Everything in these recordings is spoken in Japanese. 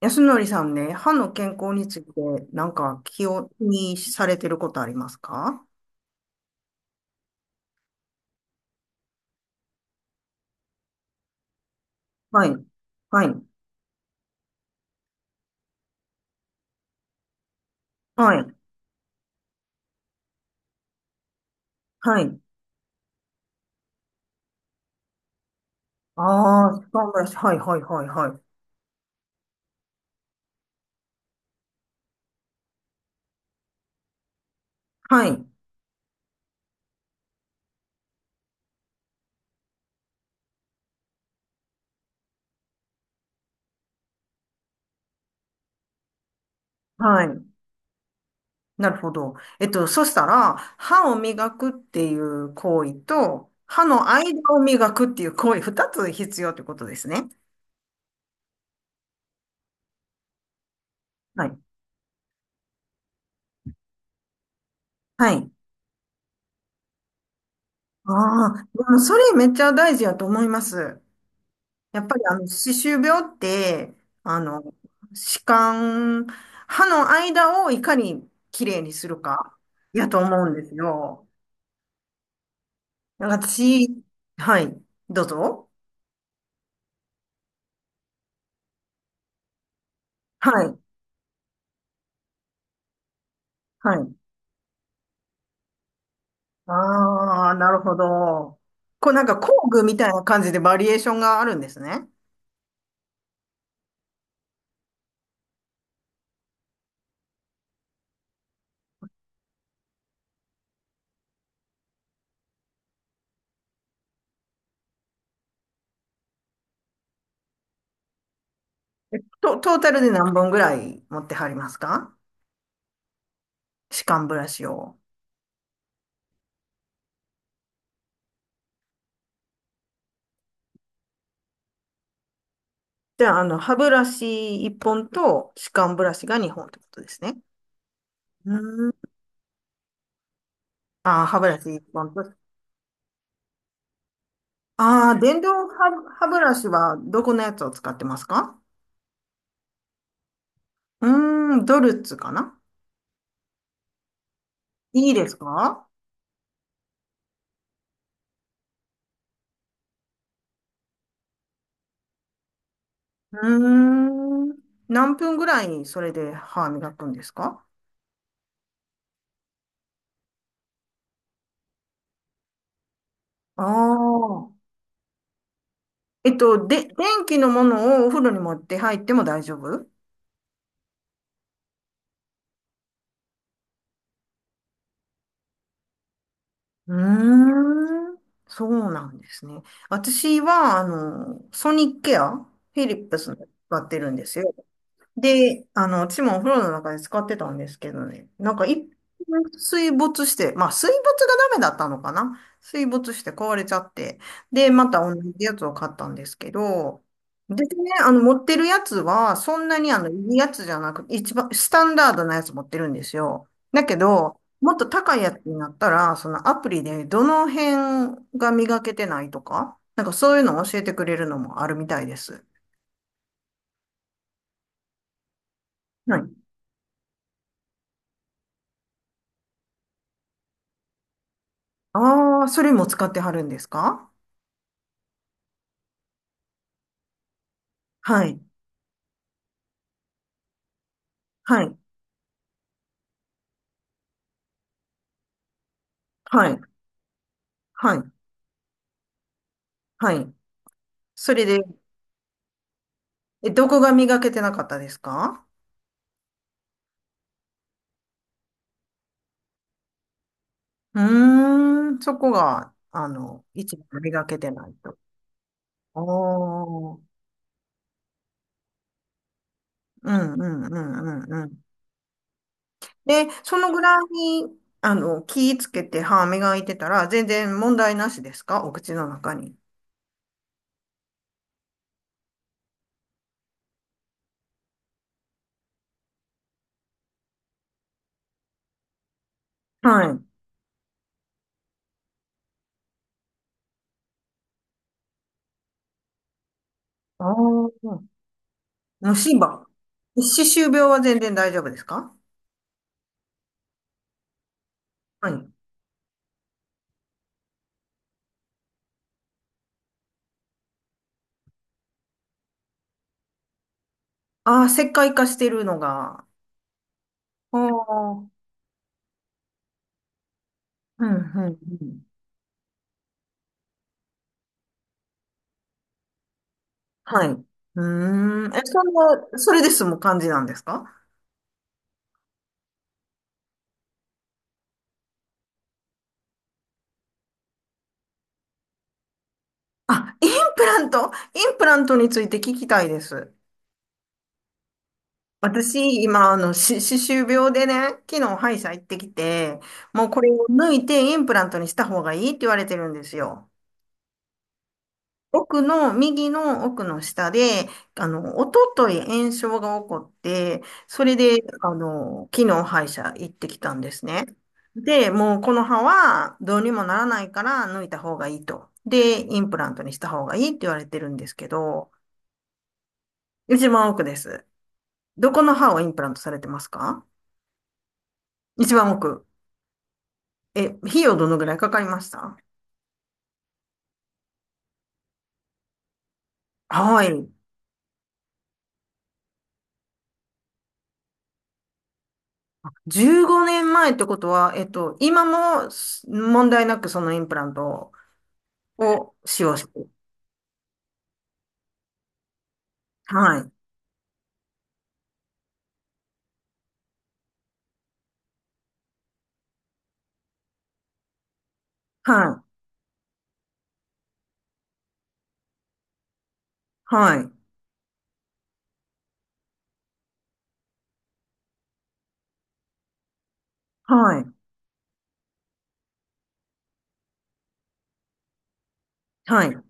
安則さんね、歯の健康について、なんか気にされてることありますか？はい。はい。はい。はい。ああ、歯ブラシ。はい、はい、はい、はい。はい。はい。なるほど。えっと、そしたら、歯を磨くっていう行為と、歯の間を磨くっていう行為、二つ必要ってことですね。はい。はい。ああ、でもそれめっちゃ大事やと思います。やっぱりあの、歯周病って、あの、歯間、歯の間をいかにきれいにするか、やと思うんですよ。なんか私、はい、どうぞ。はい、はい。ああ、なるほど。こうなんか工具みたいな感じでバリエーションがあるんですね。えと、トータルで何本ぐらい持ってはりますか？歯間ブラシを。じゃあ、あの、歯ブラシ1本と歯間ブラシが2本ってことですね。う、ああ、歯ブラシ一本と。ああ、電動歯、歯ブラシはどこのやつを使ってますか？うーん、ドルツかな。いいですか？うーん、何分ぐらいそれで歯磨くんですか？ああー。えっと、で、電気のものをお風呂に持って入っても大丈夫？うーん、そうなんですね。私は、あの、ソニックケア、フィリップスの使ってるんですよ。で、あの、私もお風呂の中で使ってたんですけどね。なんか一回水没して、まあ水没がダメだったのかな、水没して壊れちゃって。で、また同じやつを買ったんですけど、ですね、あの、持ってるやつは、そんなにあの、いいやつじゃなく、一番、スタンダードなやつ持ってるんですよ。だけど、もっと高いやつになったら、そのアプリでどの辺が磨けてないとか、なんかそういうのを教えてくれるのもあるみたいです。はい。ああ、それも使ってはるんですか？はい。はい。はい。はい。はい。それで、え、どこが磨けてなかったですか？うーん、そこが、あの、一番磨けてないと。おー。うんうんうんうんうん。で、そのぐらいに、あの、気つけて歯磨いてたら、全然問題なしですか？お口の中に。はい。ああ、虫歯。歯周病は全然大丈夫ですか？はい。ああ、石灰化してるのが。ああ、うん、うん、うん。はい。うーん。え、そんな、それですむ感じなんですか？あ、インプラント、インプラントについて聞きたいです。私、今、あの、し、歯周病でね、昨日歯医者行ってきて、もうこれを抜いてインプラントにした方がいいって言われてるんですよ。奥の、右の奥の下で、あの、おととい炎症が起こって、それで、あの、昨日歯医者行ってきたんですね。で、もうこの歯はどうにもならないから抜いた方がいいと。で、インプラントにした方がいいって言われてるんですけど、一番奥です。どこの歯をインプラントされてますか？一番奥。え、費用どのぐらいかかりました？はい。15年前ってことは、えっと、今も問題なくそのインプラントを使用してる。はい。はい。はい。はい。はい。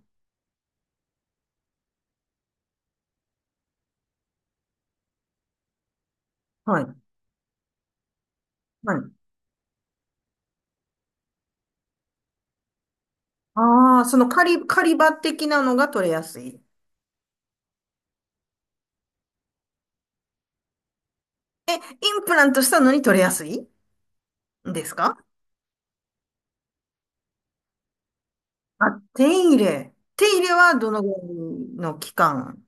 はい。はい。ああ、その狩り、狩り場的なのが取れやすい。インプラントしたのに取れやすいんですか？あ、手入れ。手入れはどのぐらいの期間？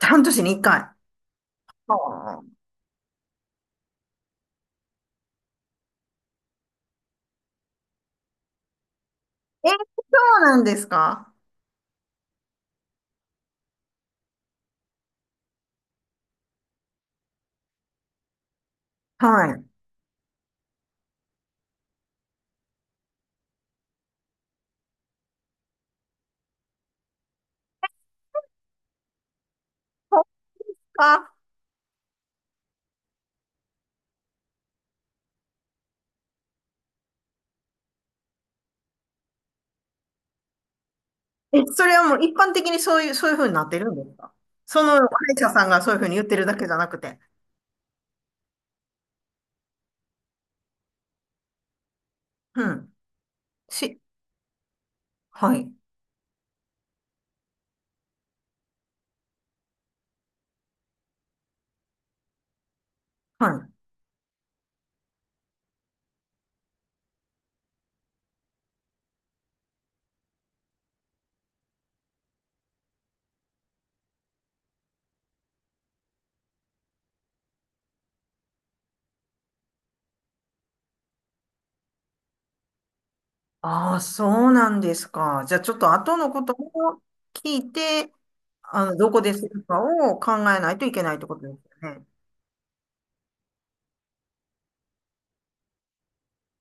半年に一回。ああ。え、そうなんですか？はい。そっか。え、それはもう一般的にそういう、そういうふうになってるんですか？その歯医者さんがそういうふうに言ってるだけじゃなくて。うん。し、はい。はい。ああ、そうなんですか。じゃあちょっと後のことを聞いて、あの、どこでするかを考えないといけないってことですよね。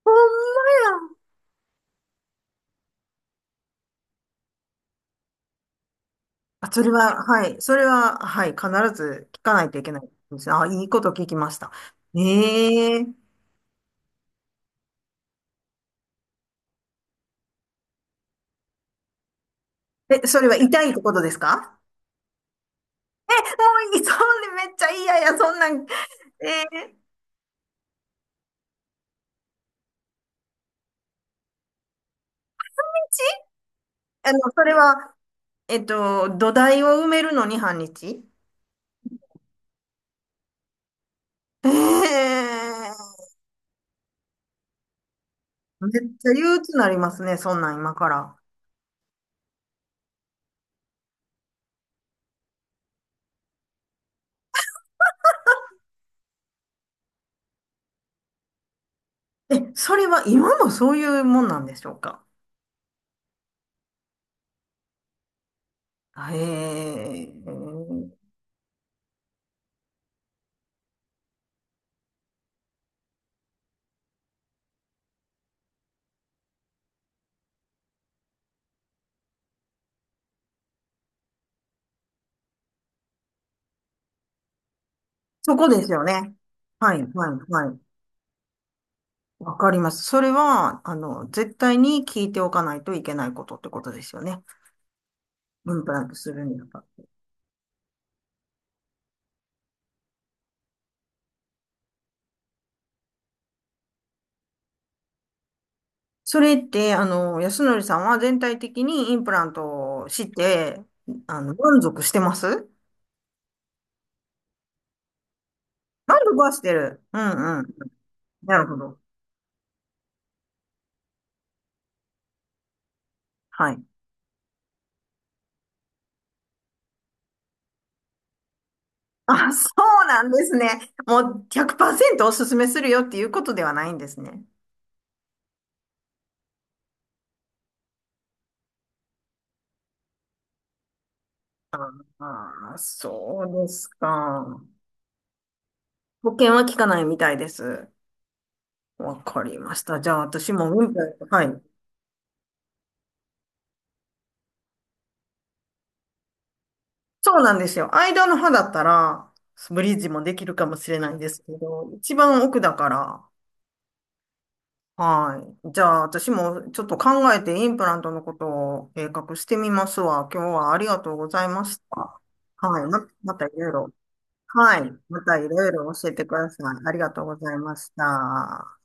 ほんまや。あ、それは、はい。それは、はい。必ず聞かないといけないですね。あ、いいこと聞きました。え、え、え、それは痛いってことですか？ え、もういい。そんでめっちゃ嫌や、そんなん。え、え、あの、それは、えっと、土台を埋めるのに半日？え、え、めっちゃ憂鬱になりますね、そんなん今から。え、それは今もそういうもんなんでしょうか？へえ、そこですよね。はい、はい、はい。わかります。それは、あの、絶対に聞いておかないといけないことってことですよね。インプラントするには。それって、あの、安則さんは全体的にインプラントをして、あの、満足してます？満足はしてる。うんうん。なるほど。はい。あ、そうなんですね。もう100%おすすめするよっていうことではないんですね。ああ、そうですか。保険は効かないみたいです。わかりました。じゃあ私も民法、はい。そうなんですよ。間の歯だったら、ブリッジもできるかもしれないんですけど、一番奥だから、はい。じゃあ私もちょっと考えてインプラントのことを計画してみますわ。今日はありがとうございました。はい。ま、またいろいろ。はい。またいろいろ教えてください。ありがとうございました。